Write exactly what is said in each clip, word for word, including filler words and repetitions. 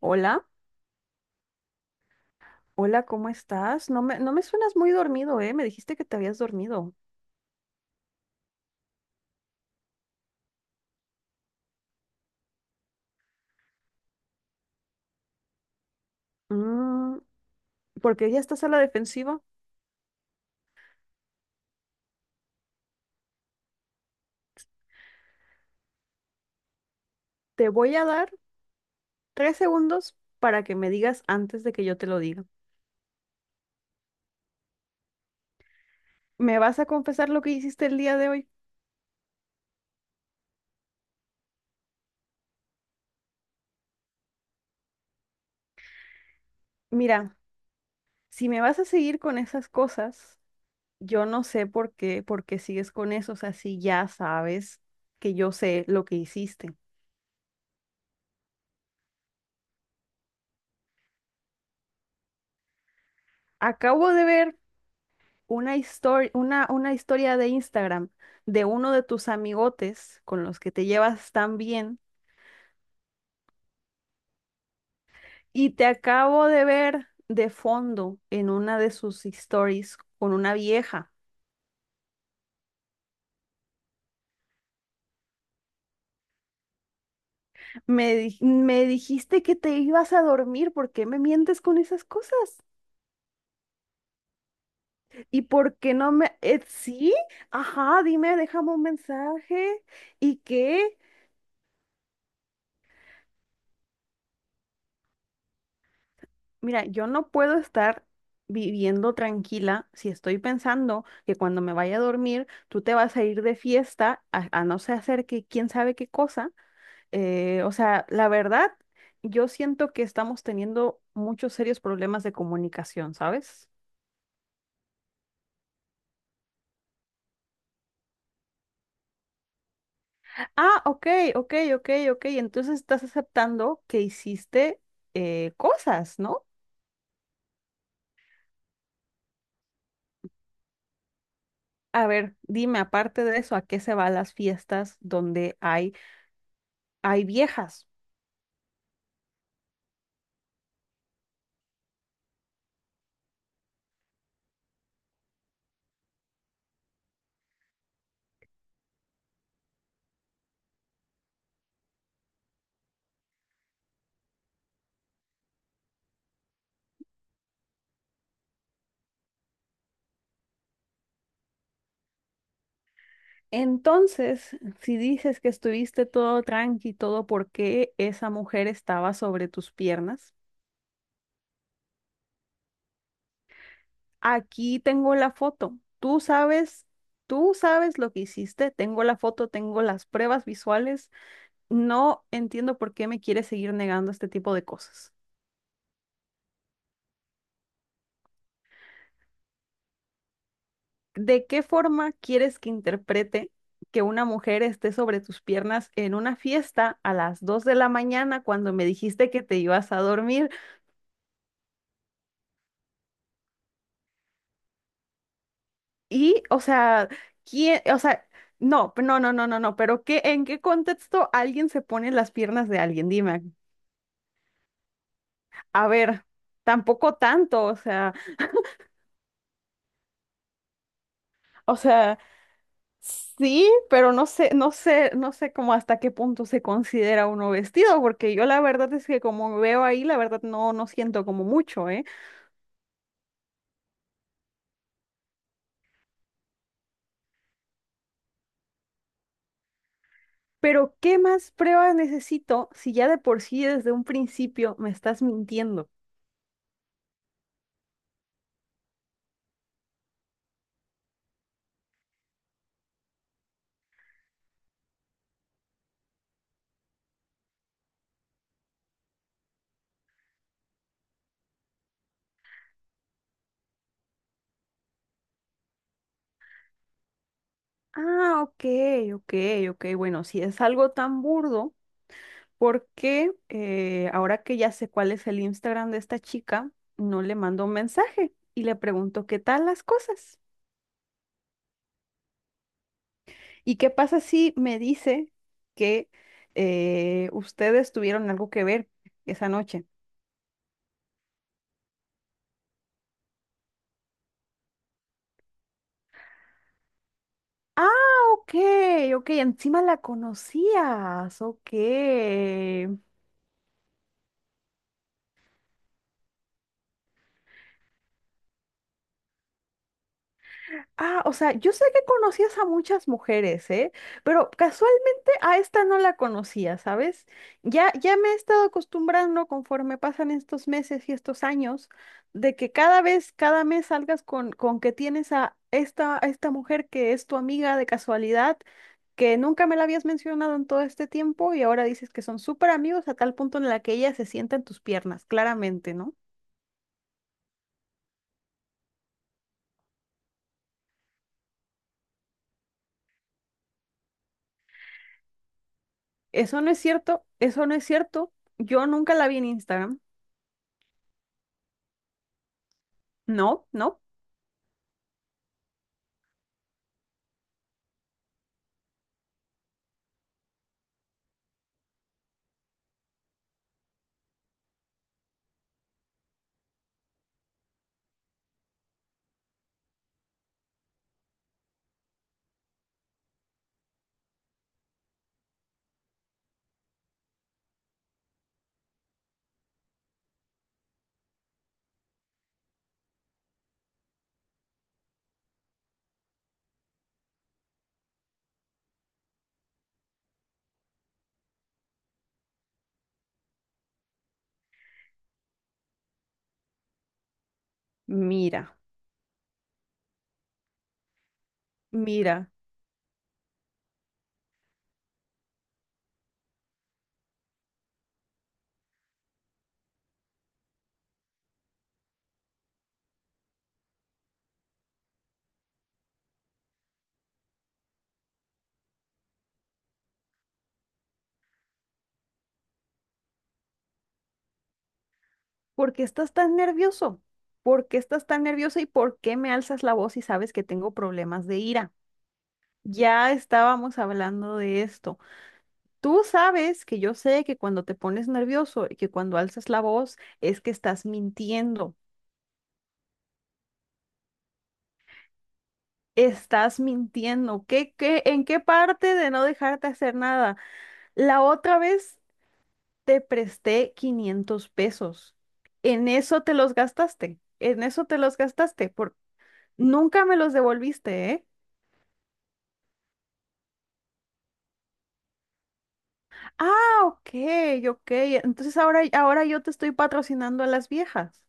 Hola, hola, ¿cómo estás? No me, no me suenas muy dormido, ¿eh? Me dijiste que te habías dormido. Mm, Porque ya estás a la defensiva. Te voy a dar tres segundos para que me digas antes de que yo te lo diga. ¿Me vas a confesar lo que hiciste el día de hoy? Mira, si me vas a seguir con esas cosas, yo no sé por qué, por qué sigues con eso. O sea, si ya sabes que yo sé lo que hiciste. Acabo de ver una historia, una, una historia de Instagram de uno de tus amigotes con los que te llevas tan bien, y te acabo de ver de fondo en una de sus stories con una vieja. Me, di- me dijiste que te ibas a dormir. ¿Por qué me mientes con esas cosas? ¿Y por qué no me... eh, Sí, ajá, dime, déjame un mensaje. ¿Y qué? Mira, yo no puedo estar viviendo tranquila si estoy pensando que cuando me vaya a dormir tú te vas a ir de fiesta a, a no sé hacer que quién sabe qué cosa. Eh, o sea, la verdad, yo siento que estamos teniendo muchos serios problemas de comunicación, ¿sabes? Ah, ok, ok, ok, ok. Entonces estás aceptando que hiciste, eh, cosas, ¿no? A ver, dime, aparte de eso, ¿a qué se van las fiestas donde hay, hay viejas? Entonces, si dices que estuviste todo tranqui, todo porque esa mujer estaba sobre tus piernas, aquí tengo la foto. Tú sabes, tú sabes lo que hiciste. Tengo la foto, tengo las pruebas visuales. No entiendo por qué me quieres seguir negando este tipo de cosas. ¿De qué forma quieres que interprete que una mujer esté sobre tus piernas en una fiesta a las dos de la mañana cuando me dijiste que te ibas a dormir? Y, o sea, ¿quién, o sea, no, no, no, no, no, no, pero ¿qué, ¿en qué contexto alguien se pone en las piernas de alguien? Dime, a ver, tampoco tanto, o sea, o sea, sí, pero no sé, no sé, no sé cómo hasta qué punto se considera uno vestido, porque yo la verdad es que como veo ahí, la verdad no, no siento como mucho, ¿eh? Pero ¿qué más pruebas necesito si ya de por sí desde un principio me estás mintiendo? Ah, ok, ok, ok, bueno, si es algo tan burdo. Porque eh, ahora que ya sé cuál es el Instagram de esta chica, no le mando un mensaje y le pregunto qué tal las cosas. ¿Y qué pasa si me dice que, eh, ustedes tuvieron algo que ver esa noche? Ah, ok, ok, encima la conocías, ok. Ah, o sea, yo sé que conocías a muchas mujeres, ¿eh? Pero casualmente a esta no la conocía, ¿sabes? Ya, ya me he estado acostumbrando conforme pasan estos meses y estos años, de que cada vez, cada mes salgas con, con que tienes a esta, a esta mujer que es tu amiga de casualidad, que nunca me la habías mencionado en todo este tiempo y ahora dices que son súper amigos a tal punto en la que ella se sienta en tus piernas, claramente, ¿no? Eso no es cierto, eso no es cierto. Yo nunca la vi en Instagram. No, no. Mira, mira, ¿por qué estás tan nervioso? ¿Por qué estás tan nerviosa y por qué me alzas la voz si sabes que tengo problemas de ira? Ya estábamos hablando de esto. Tú sabes que yo sé que cuando te pones nervioso y que cuando alzas la voz es que estás mintiendo. Estás mintiendo. ¿Qué, qué, en qué parte de no dejarte hacer nada? La otra vez te presté quinientos pesos. En eso te los gastaste. En eso te los gastaste. Nunca me los devolviste, ¿eh? Ah, ok, ok. Entonces ahora, ahora yo te estoy patrocinando a las viejas.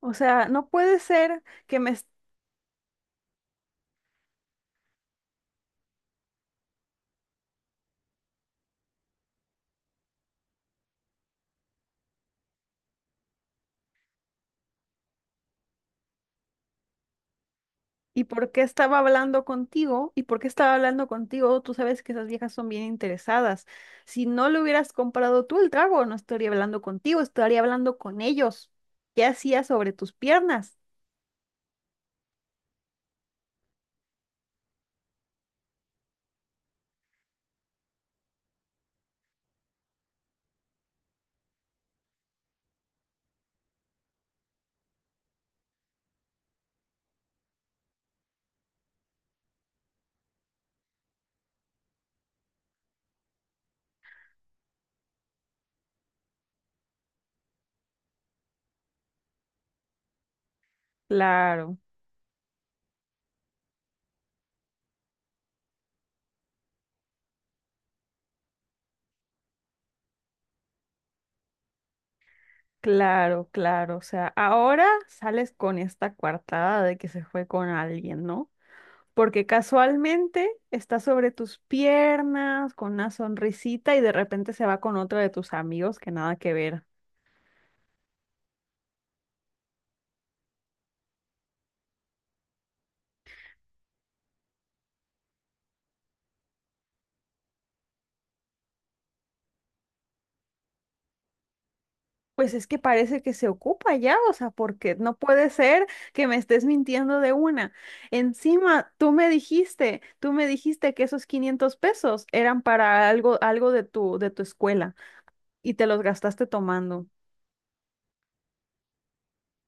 O sea, no puede ser que me... est- ¿Y por qué estaba hablando contigo? ¿Y por qué estaba hablando contigo? Tú sabes que esas viejas son bien interesadas. Si no le hubieras comprado tú el trago, no estaría hablando contigo, estaría hablando con ellos. ¿Qué hacías sobre tus piernas? Claro, claro, claro. O sea, ahora sales con esta coartada de que se fue con alguien, ¿no? Porque casualmente está sobre tus piernas con una sonrisita y de repente se va con otro de tus amigos que nada que ver. Pues es que parece que se ocupa ya, o sea, porque no puede ser que me estés mintiendo de una. Encima, tú me dijiste, tú me dijiste que esos quinientos pesos eran para algo, algo de tu, de tu escuela y te los gastaste tomando.